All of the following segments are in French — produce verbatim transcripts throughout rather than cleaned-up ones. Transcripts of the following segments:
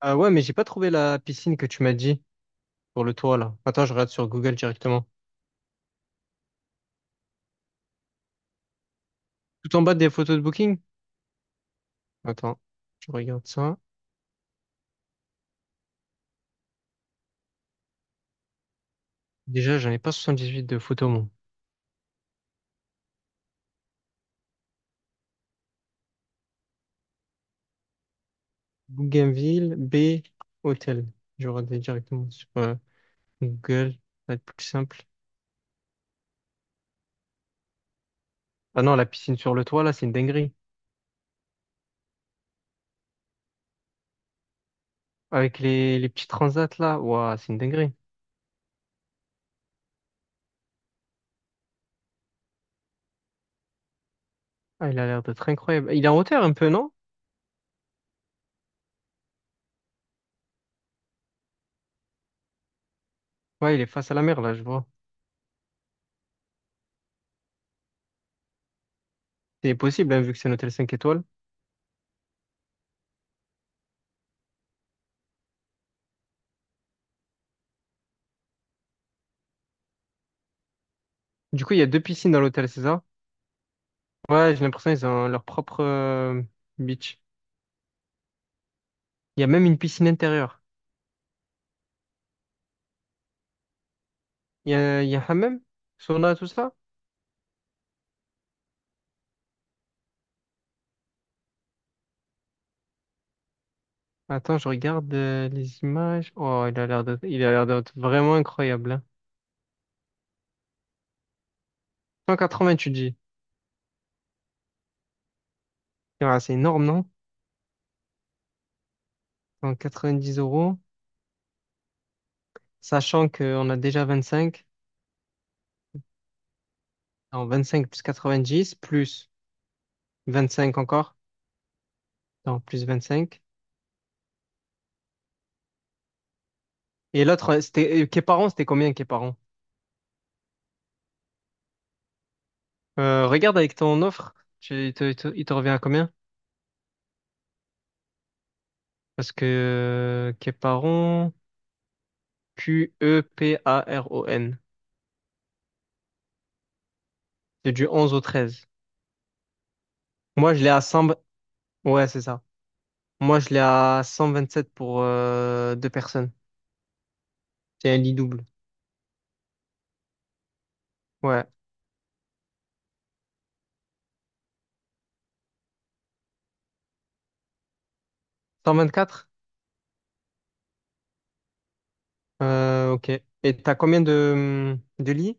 Ah ouais, mais j'ai pas trouvé la piscine que tu m'as dit pour le toit là. Attends, je regarde sur Google directement. Tout en bas des photos de Booking? Attends, je regarde ça. Déjà, j'en ai pas soixante-dix-huit de photos, moi. Bougainville, B, hôtel. Je regarde directement sur euh, Google. Ça va être plus simple. Ah non, la piscine sur le toit là, c'est une dinguerie. Avec les, les petits transats là, ouah, c'est une dinguerie. Ah, il a l'air d'être incroyable. Il est en hauteur un peu, non? Ouais, il est face à la mer là, je vois. C'est possible, hein, vu que c'est un hôtel cinq étoiles. Du coup, il y a deux piscines dans l'hôtel, César. Ouais, j'ai l'impression qu'ils ont leur propre euh, beach. Il y a même une piscine intérieure. Il y a, il y a hammam, sauna, tout ça. Attends, je regarde euh, les images. Oh, il a l'air d'être, il a l'air d'être vraiment incroyable, hein. cent quatre-vingts, tu dis. Ouais, c'est énorme, non? Donc quatre-vingt-dix euros, sachant qu'on a déjà vingt-cinq. Non, vingt-cinq plus quatre-vingt-dix, plus vingt-cinq encore. Non, plus vingt-cinq. Et l'autre, euh, c'était, euh, Képaron, c'était combien, Képaron? Euh, regarde avec ton offre, tu- il te, il te il te revient à combien? Parce que Keparon, Q E P A R O N. C'est du onze au treize. Moi, je l'ai à cent. Ouais, c'est ça. Moi, je l'ai à cent vingt sept pour euh, deux personnes. C'est un lit double. Ouais. cent vingt-quatre? Euh, ok. Et t'as combien de, de lits?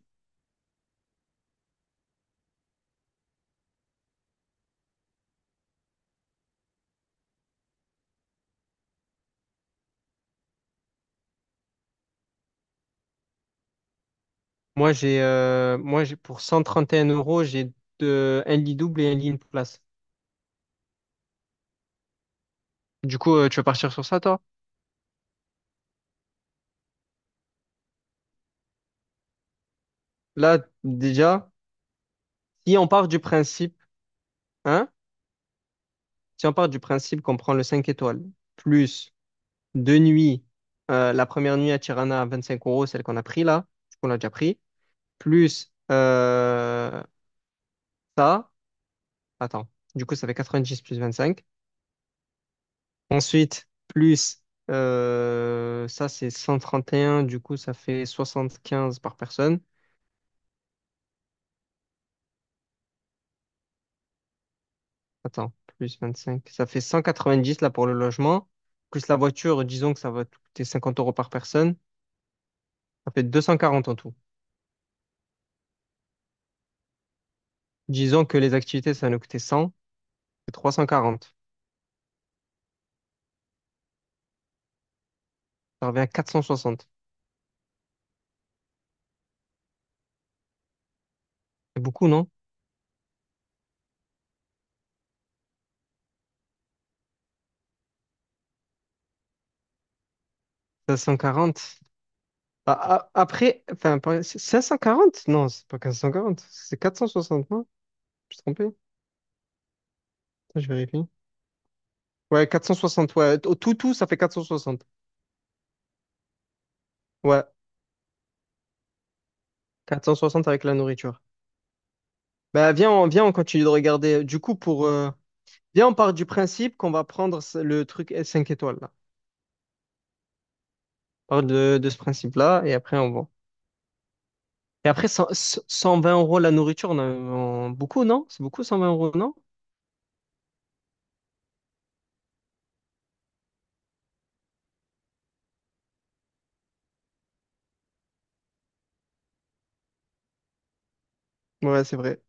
Moi, j'ai euh, moi j'ai pour cent trente et un euros, j'ai deux- un lit double et un lit une place. Du coup, euh, tu vas partir sur ça, toi? Là, déjà, si on part du principe, hein? Si on part du principe qu'on prend le cinq étoiles, plus deux nuits, euh, la première nuit à Tirana à vingt-cinq euros, celle qu'on a pris là, qu'on a déjà pris, plus euh, ça, attends, du coup ça fait quatre-vingt-dix plus vingt-cinq. Ensuite, plus euh, ça c'est cent trente et un. Du coup ça fait soixante quinze par personne. Attends, plus vingt-cinq, ça fait cent quatre-vingt-dix là pour le logement, plus la voiture, disons que ça va te coûter cinquante euros par personne, ça fait deux cent quarante en tout. Disons que les activités ça va nous coûter cent, c'est trois cent quarante. Ça revient à quatre cent soixante. C'est beaucoup, non? cinq cent quarante. Ah, ah, après, enfin, par- c'est cinq cent quarante. Non, c'est pas cinq cent quarante, c'est quatre cent soixante, non? Je me suis trompé. Attends, je vérifie. Ouais, quatre cent soixante, ouais. Au Tout, tout, ça fait quatre cent soixante. Ouais, quatre cent soixante avec la nourriture. Bah, viens, on, viens, on continue de regarder. Du coup, pour, euh, viens, on part du principe qu'on va prendre ce- le truc cinq étoiles, là. On part de, de ce principe-là, et après, on voit. Et après, cent cent vingt euros la nourriture, on a on- beaucoup, non? C'est beaucoup, cent vingt euros, non? Ouais, c'est vrai.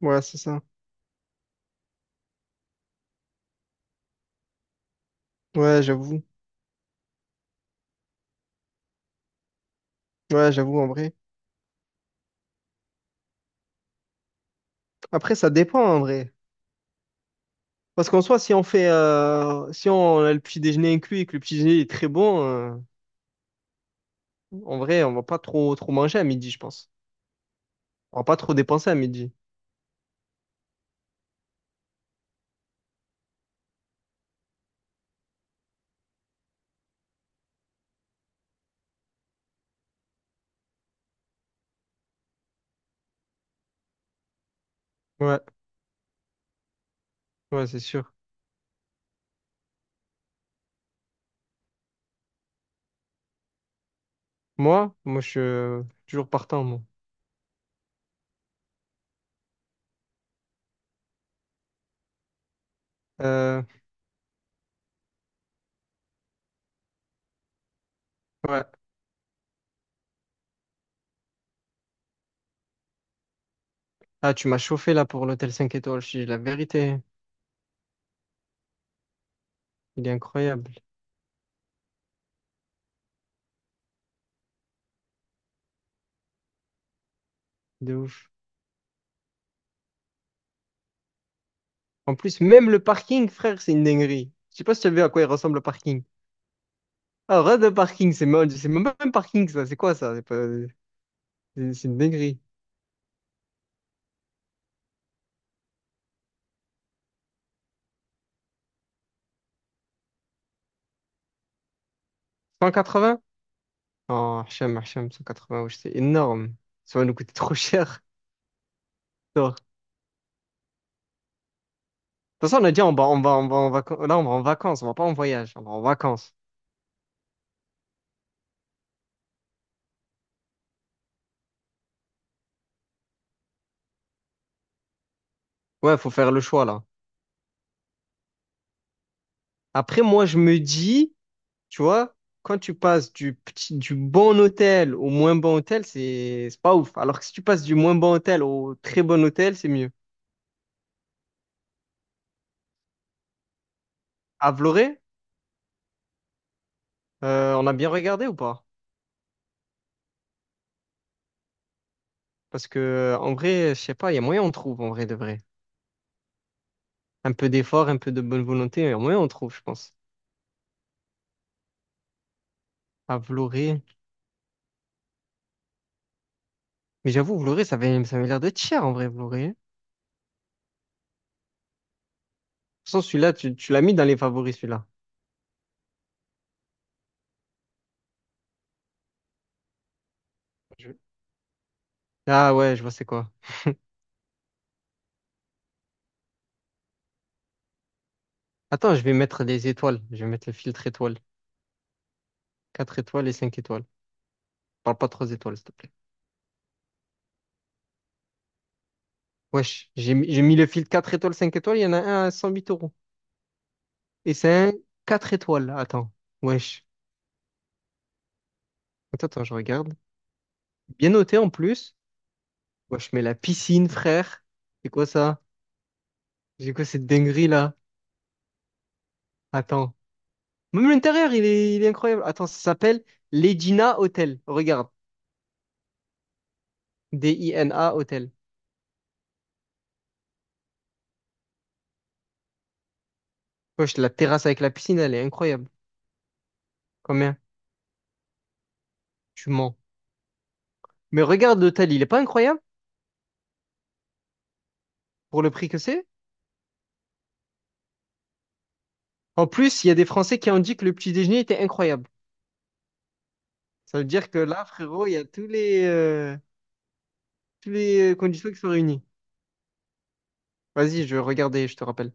Ouais, c'est ça. Ouais, j'avoue. Ouais, j'avoue, en vrai. Après, ça dépend, en vrai. Parce qu'en soi, si on fait, euh, si on a le petit déjeuner inclus et que le petit déjeuner est très bon, euh, en vrai, on va pas trop, trop manger à midi, je pense. On va pas trop dépenser à midi. Ouais, ouais, c'est sûr. Moi, moi, je suis euh, toujours partant, moi. Euh, ouais. Ah, tu m'as chauffé là pour l'hôtel cinq étoiles, je te dis la vérité. Il est incroyable. De ouf. En plus, même le parking, frère, c'est une dinguerie. Je sais pas si tu as vu à quoi il ressemble le parking. Ah, rade de parking, c'est mo- c'est même pas un parking, ça. C'est quoi ça? C'est c'est une dinguerie. cent quatre-vingts? Oh, Hacham, Hacham, cent quatre-vingts, wesh, c'est énorme. Ça va nous coûter trop cher. Non. De toute façon, on a dit, on va, on va, on va en vacances. Là, on va en vacances, on va pas en voyage, on va en vacances. Ouais, faut faire le choix, là. Après, moi, je me dis, tu vois, quand tu passes du petit, du bon hôtel au moins bon hôtel, c'est, c'est pas ouf. Alors que si tu passes du moins bon hôtel au très bon hôtel, c'est mieux. À Vloré, euh, on a bien regardé ou pas? Parce que, en vrai, je sais pas, il y a moyen on trouve, en vrai de vrai. Un peu d'effort, un peu de bonne volonté, et au moins on trouve, je pense. À Vloré. Mais j'avoue, Vloré, ça avait, ça avait l'air d'être cher en vrai, Vloré. De toute façon, celui-là, tu, tu l'as mis dans les favoris, celui-là. Je- Ah ouais, je vois c'est quoi. Attends, je vais mettre des étoiles. Je vais mettre le filtre étoile. Quatre étoiles et cinq étoiles. Parle pas trois étoiles, s'il te plaît. Wesh, j'ai mis, j'ai mis le filtre quatre étoiles, cinq étoiles, il y en a un à cent huit euros. Et c'est un quatre étoiles, là, attends. Wesh. Attends, attends, je regarde. Bien noté en plus. Wesh, mais la piscine, frère. C'est quoi ça? J'ai quoi cette dinguerie là? Attends. Même l'intérieur, il est, il est incroyable. Attends, ça s'appelle l'Edina Hotel. Regarde. D I N A Hotel. Wesh, la terrasse avec la piscine, elle est incroyable. Combien? Tu mens. Mais regarde l'hôtel, il est pas incroyable pour le prix que c'est? En plus, il y a des Français qui ont dit que le petit déjeuner était incroyable. Ça veut dire que là, frérot, il y a tous les, euh, tous les euh, conditions qui sont réunies. Vas-y, je vais regarder, je te rappelle.